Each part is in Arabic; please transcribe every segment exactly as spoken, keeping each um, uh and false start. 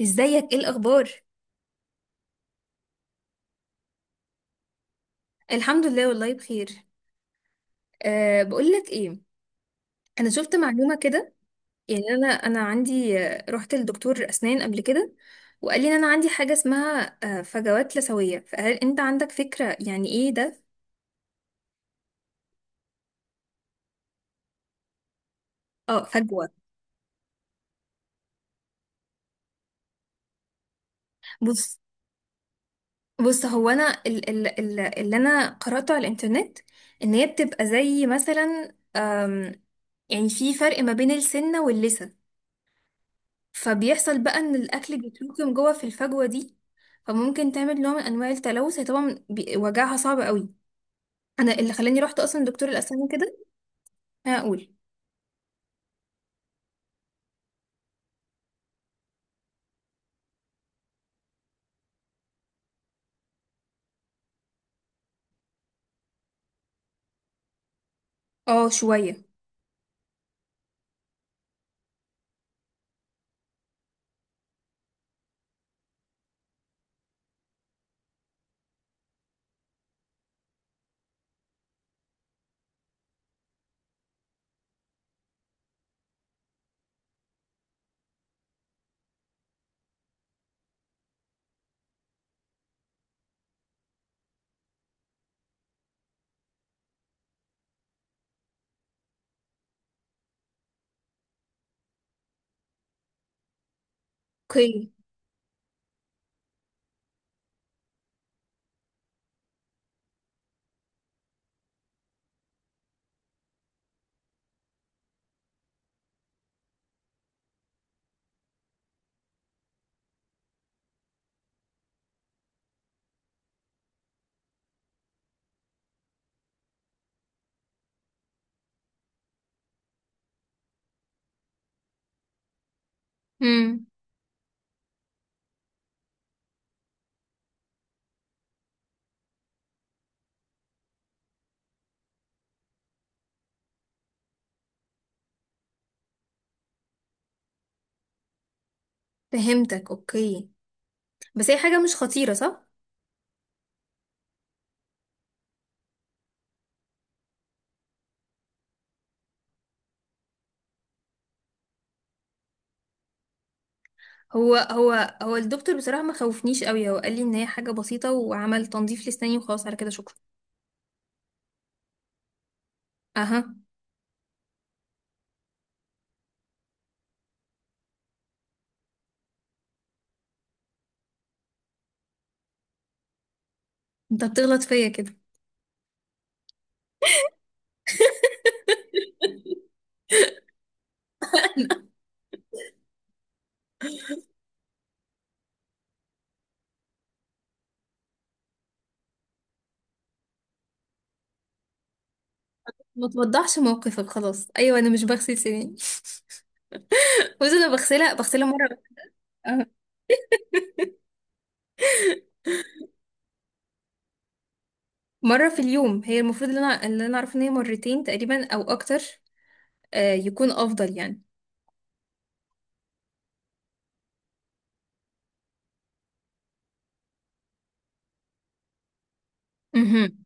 ازيك؟ ايه الاخبار؟ الحمد لله، والله بخير. أه، بقول لك ايه، انا شفت معلومه كده. يعني انا انا عندي، آه، رحت لدكتور اسنان قبل كده، وقال لي ان انا عندي حاجه اسمها آه، فجوات لثويه. فهل انت عندك فكره يعني ايه ده؟ اه، فجوه. بص، بص، هو انا ال ال ال اللي انا قراته على الانترنت ان هي بتبقى زي مثلا آم، يعني في فرق ما بين السنه واللثه. فبيحصل بقى ان الاكل بيتراكم جوه في الفجوه دي، فممكن تعمل نوع من انواع التلوث. هي طبعا بي- وجعها صعب قوي، انا اللي خلاني رحت اصلا دكتور الاسنان كده. انا اقول. اه، شويه. اوكي. امم. فهمتك. اوكي، بس هي حاجه مش خطيره، صح؟ هو هو هو الدكتور بصراحه ما خوفنيش قوي، هو قال لي ان هي حاجه بسيطه، وعمل تنظيف لساني وخلاص. على كده، شكرا. اها. انت بتغلط فيا كده. ما توضحش موقفك خلاص. ايوه، انا مش بغسل سناني. بس انا بغسلها، بغسلها. مره. مرة في اليوم. هي المفروض اللي انا اللي انا اعرف ان هي مرتين تقريبا او اكتر. آه، يكون افضل يعني. امم،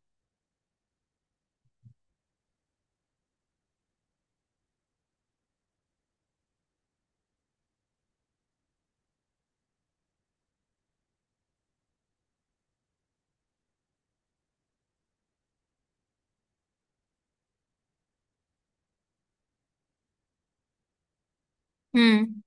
امم.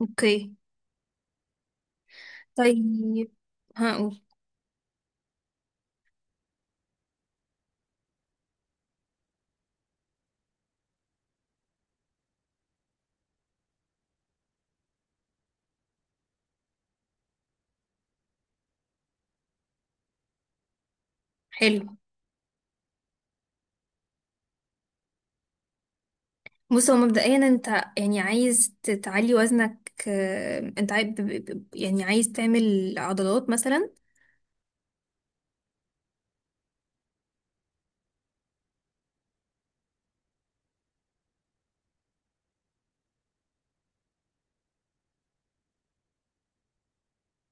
اوكي. طيب. هقول. حلو. بص، هو مبدئيا انت يعني عايز ت- تعلي وزنك. آه، انت عايز، يعني عايز تعمل عضلات مثلا؟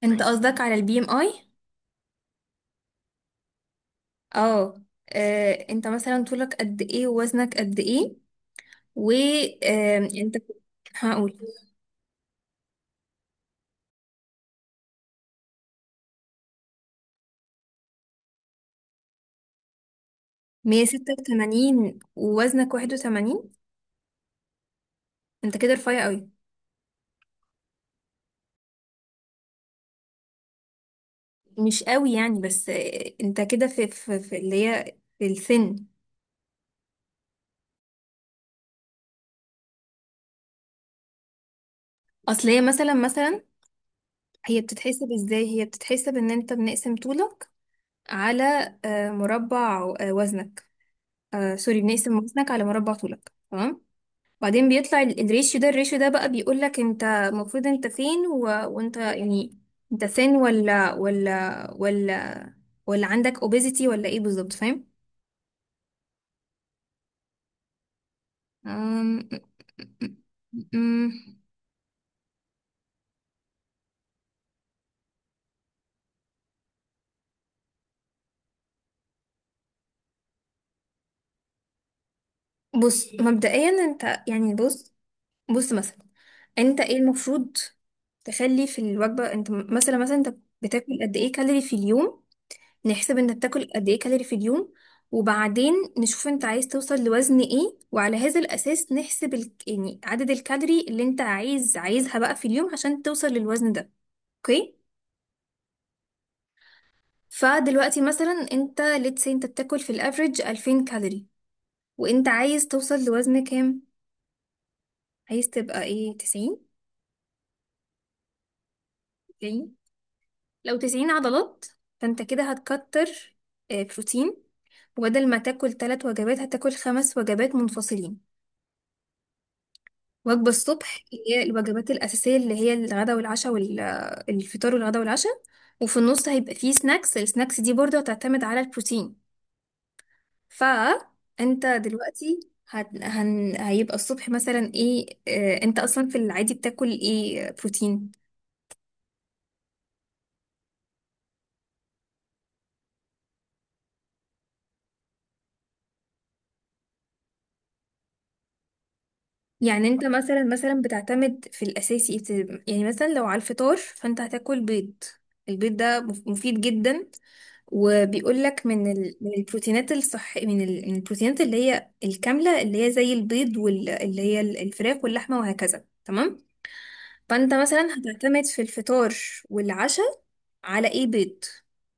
انت قصدك على البي ام اي؟ اه. آه، انت مثلا طولك قد ايه ووزنك قد ايه؟ و آم، انت. هقول. مية وستة وثمانين، ووزنك واحد وثمانين؟ انت كده رفيع قوي. مش قوي يعني، بس آه، انت كده في, في, في اللي هي في السن. اصل هي مثلا مثلا هي بتتحسب ازاي؟ هي بتتحسب ان انت بنقسم طولك على آه، مربع آه، وزنك. آه، سوري، بنقسم وزنك على مربع طولك، تمام؟ بعدين بيطلع ال- الريشيو ده، الريشيو ده بقى بيقول لك انت المفروض انت فين، و... وانت يعني انت سن ولا ولا ولا ولا عندك obesity ولا ايه بالظبط، فاهم؟ أم- بص مبدئيا انت يعني، بص، بص مثلا، انت ايه المفروض تخلي في الوجبة؟ انت م- مثلا مثلا انت بتاكل قد ايه كالوري في اليوم؟ نحسب انت بتاكل قد ايه كالوري في اليوم، وبعدين نشوف انت عايز توصل لوزن ايه، وعلى هذا الاساس نحسب ال... يعني عدد الكالوري اللي انت عايز عايزها بقى في اليوم عشان توصل للوزن ده. اوكي. فدلوقتي مثلا انت، let's say انت بتاكل في الافريج الفين كالوري، وانت عايز توصل لوزن كام؟ عايز تبقى ايه، تسعين؟ لو تسعين عضلات، فانت كده هتكتر آه، بروتين. وبدل ما تاكل ثلاث وجبات، هتاكل خمس وجبات منفصلين. وجبة الصبح، اللي هي الوجبات الأساسية، اللي هي الغداء والعشاء والفطار، والغداء والعشاء. وفي النص هيبقى فيه سناكس. السناكس دي برضه هتعتمد على البروتين. فأنت دلوقتي هت... هن... هيبقى الصبح مثلا ايه؟ آه، انت اصلا في العادي بتاكل ايه؟ آه، بروتين؟ يعني انت مثلا مثلا بتعتمد في الاساسي، بت- يعني مثلا لو على الفطار، فانت هتاكل بيض. البيض ده مف- مفيد جدا، وبيقول لك من ال... من البروتينات الصح، من, ال... من البروتينات اللي هي الكامله، اللي هي زي البيض واللي هي ال- الفراخ واللحمه وهكذا، تمام. فانت مثلا هتعتمد في الفطار والعشاء على ايه؟ بيض.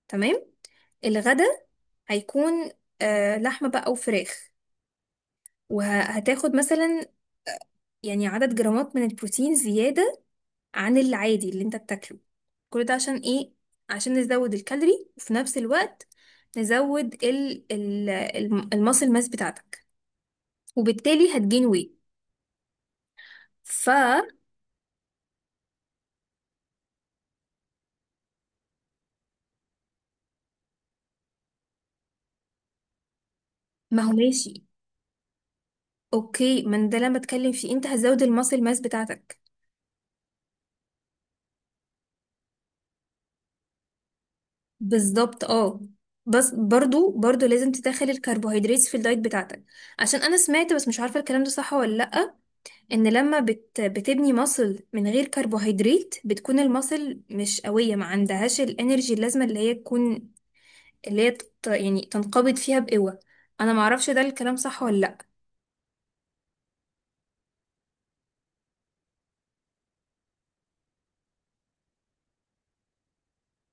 تمام. الغدا هيكون آه لحمه بقى وفراخ. وهتاخد مثلا يعني عدد جرامات من البروتين زيادة عن العادي اللي انت بتاكله. كل ده عشان ايه؟ عشان نزود الكالوري، وفي نفس الوقت نزود ال ال الماسل ماس بتاعتك، وبالتالي هتجين وي. فما، هو ماشي. اوكي، ما أنا ده اللي انا بتكلم فيه، انت هتزود الماسل ماس بتاعتك. بالظبط، اه. بس برضو برضو لازم تدخل الكربوهيدرات في الدايت بتاعتك. عشان انا سمعت، بس مش عارفه الكلام ده صح ولا لا، ان لما بت بتبني ماسل من غير كربوهيدرات، بتكون الماسل مش قويه، ما عندهاش الانرجي اللازمه اللي هي تكون، اللي هي تت- يعني تنقبض فيها بقوه. انا ما اعرفش ده الكلام صح ولا لا.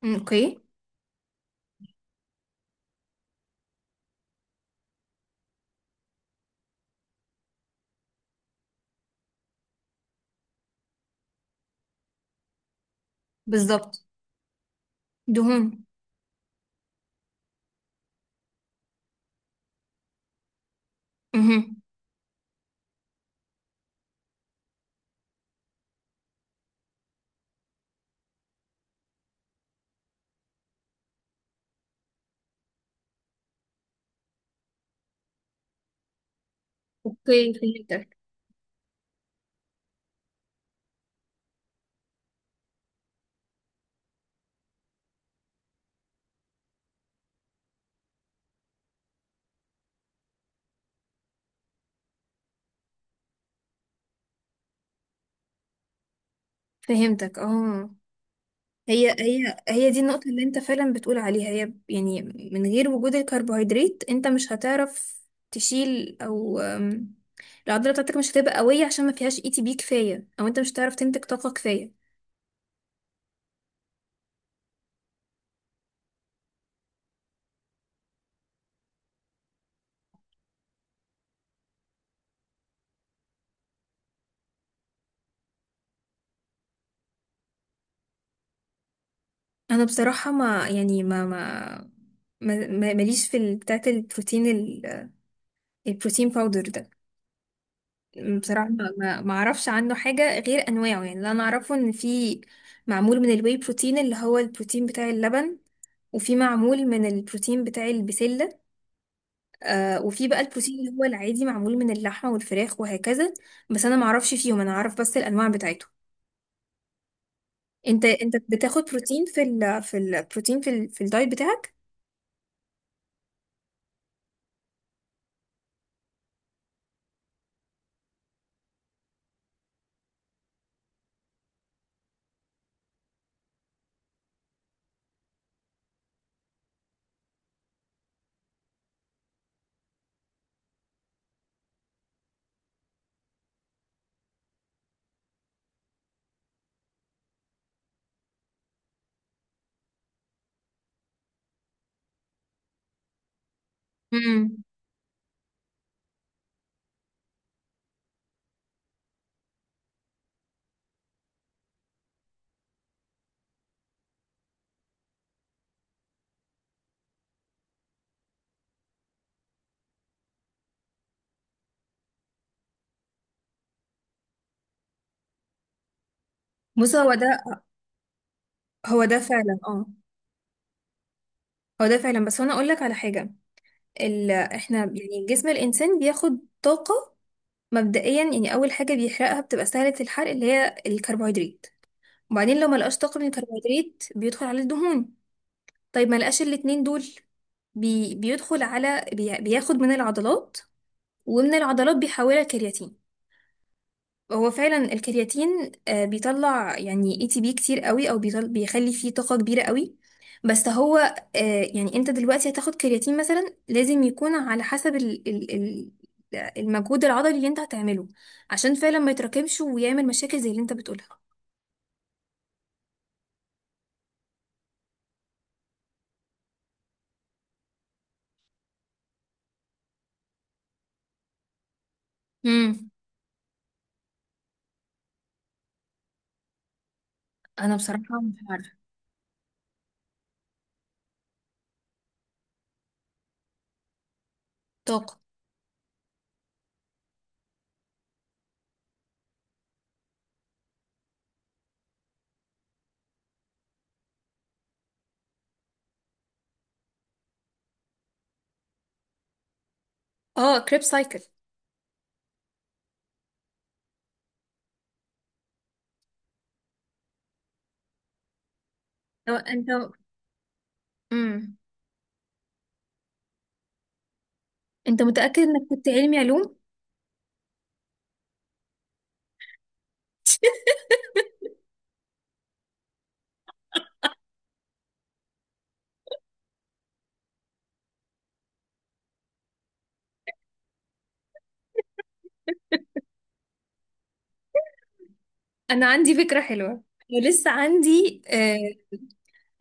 أمم، اوكي. بالظبط. دهون. امم. اوكي، فهمتك. فهمتك، اه. هي هي هي دي النقطة اللي انت فعلا بتقول عليها، هي يعني من غير وجود الكربوهيدرات انت مش هتعرف تشيل، او أم، العضلة بتاعتك مش هتبقى قوية عشان ما فيهاش اي تي بي كفاية، او انت مش هتعرف تنتج طاقة كفاية. انا بصراحة ما يعني ما ما ما- ما- ماليش في ال- بتاعة البروتين ال- البروتين باودر ده. بصراحة ما ما- ما اعرفش عنه حاجة غير انواعه، يعني اللي انا اعرفه ان في معمول من الواي بروتين، اللي هو البروتين بتاع اللبن، وفي معمول من البروتين بتاع البسلة، آه وفي بقى البروتين اللي هو العادي، معمول من اللحمة والفراخ وهكذا. بس انا ما اعرفش فيهم، انا اعرف بس الانواع بتاعته. انت انت بتاخد بروتين في ال في البروتين، في ال في الدايت بتاعك؟ امم. بص، هو ده. هو ده فعلا، اه. هو ده فعلا. بس انا اقول لك على حاجه، ال... احنا يعني جسم الانسان بياخد طاقه مبدئيا، يعني اول حاجه بيحرقها بتبقى سهله الحرق، اللي هي الكربوهيدرات. وبعدين لو ما لقاش طاقه من الكربوهيدرات، بيدخل على الدهون. طيب، ما لقاش الاتنين دول، بي بيدخل على بي بياخد من العضلات، ومن العضلات بيحولها كرياتين. هو فعلا الكرياتين آه، بيطلع يعني اي تي بي كتير قوي، او بيطل بيخلي فيه طاقة كبيرة قوي. بس هو، آه، يعني انت دلوقتي هتاخد كرياتين مثلا لازم يكون على حسب ال ال ال المجهود العضلي اللي انت هتعمله، عشان فعلا ما يتراكمش ويعمل مشاكل زي اللي انت بتقولها. امم. انا بصراحة مش عارفة. طاقة. اه، كريب سايكل. لو انت. امم. انت متأكد انك كنت علمي علوم؟ انا عندي فكرة حلوة، ولسه عندي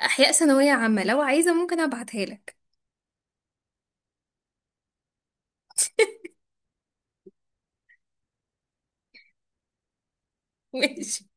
احياء ثانويه عامه، لو عايزه ممكن ابعتها لك. ماشي.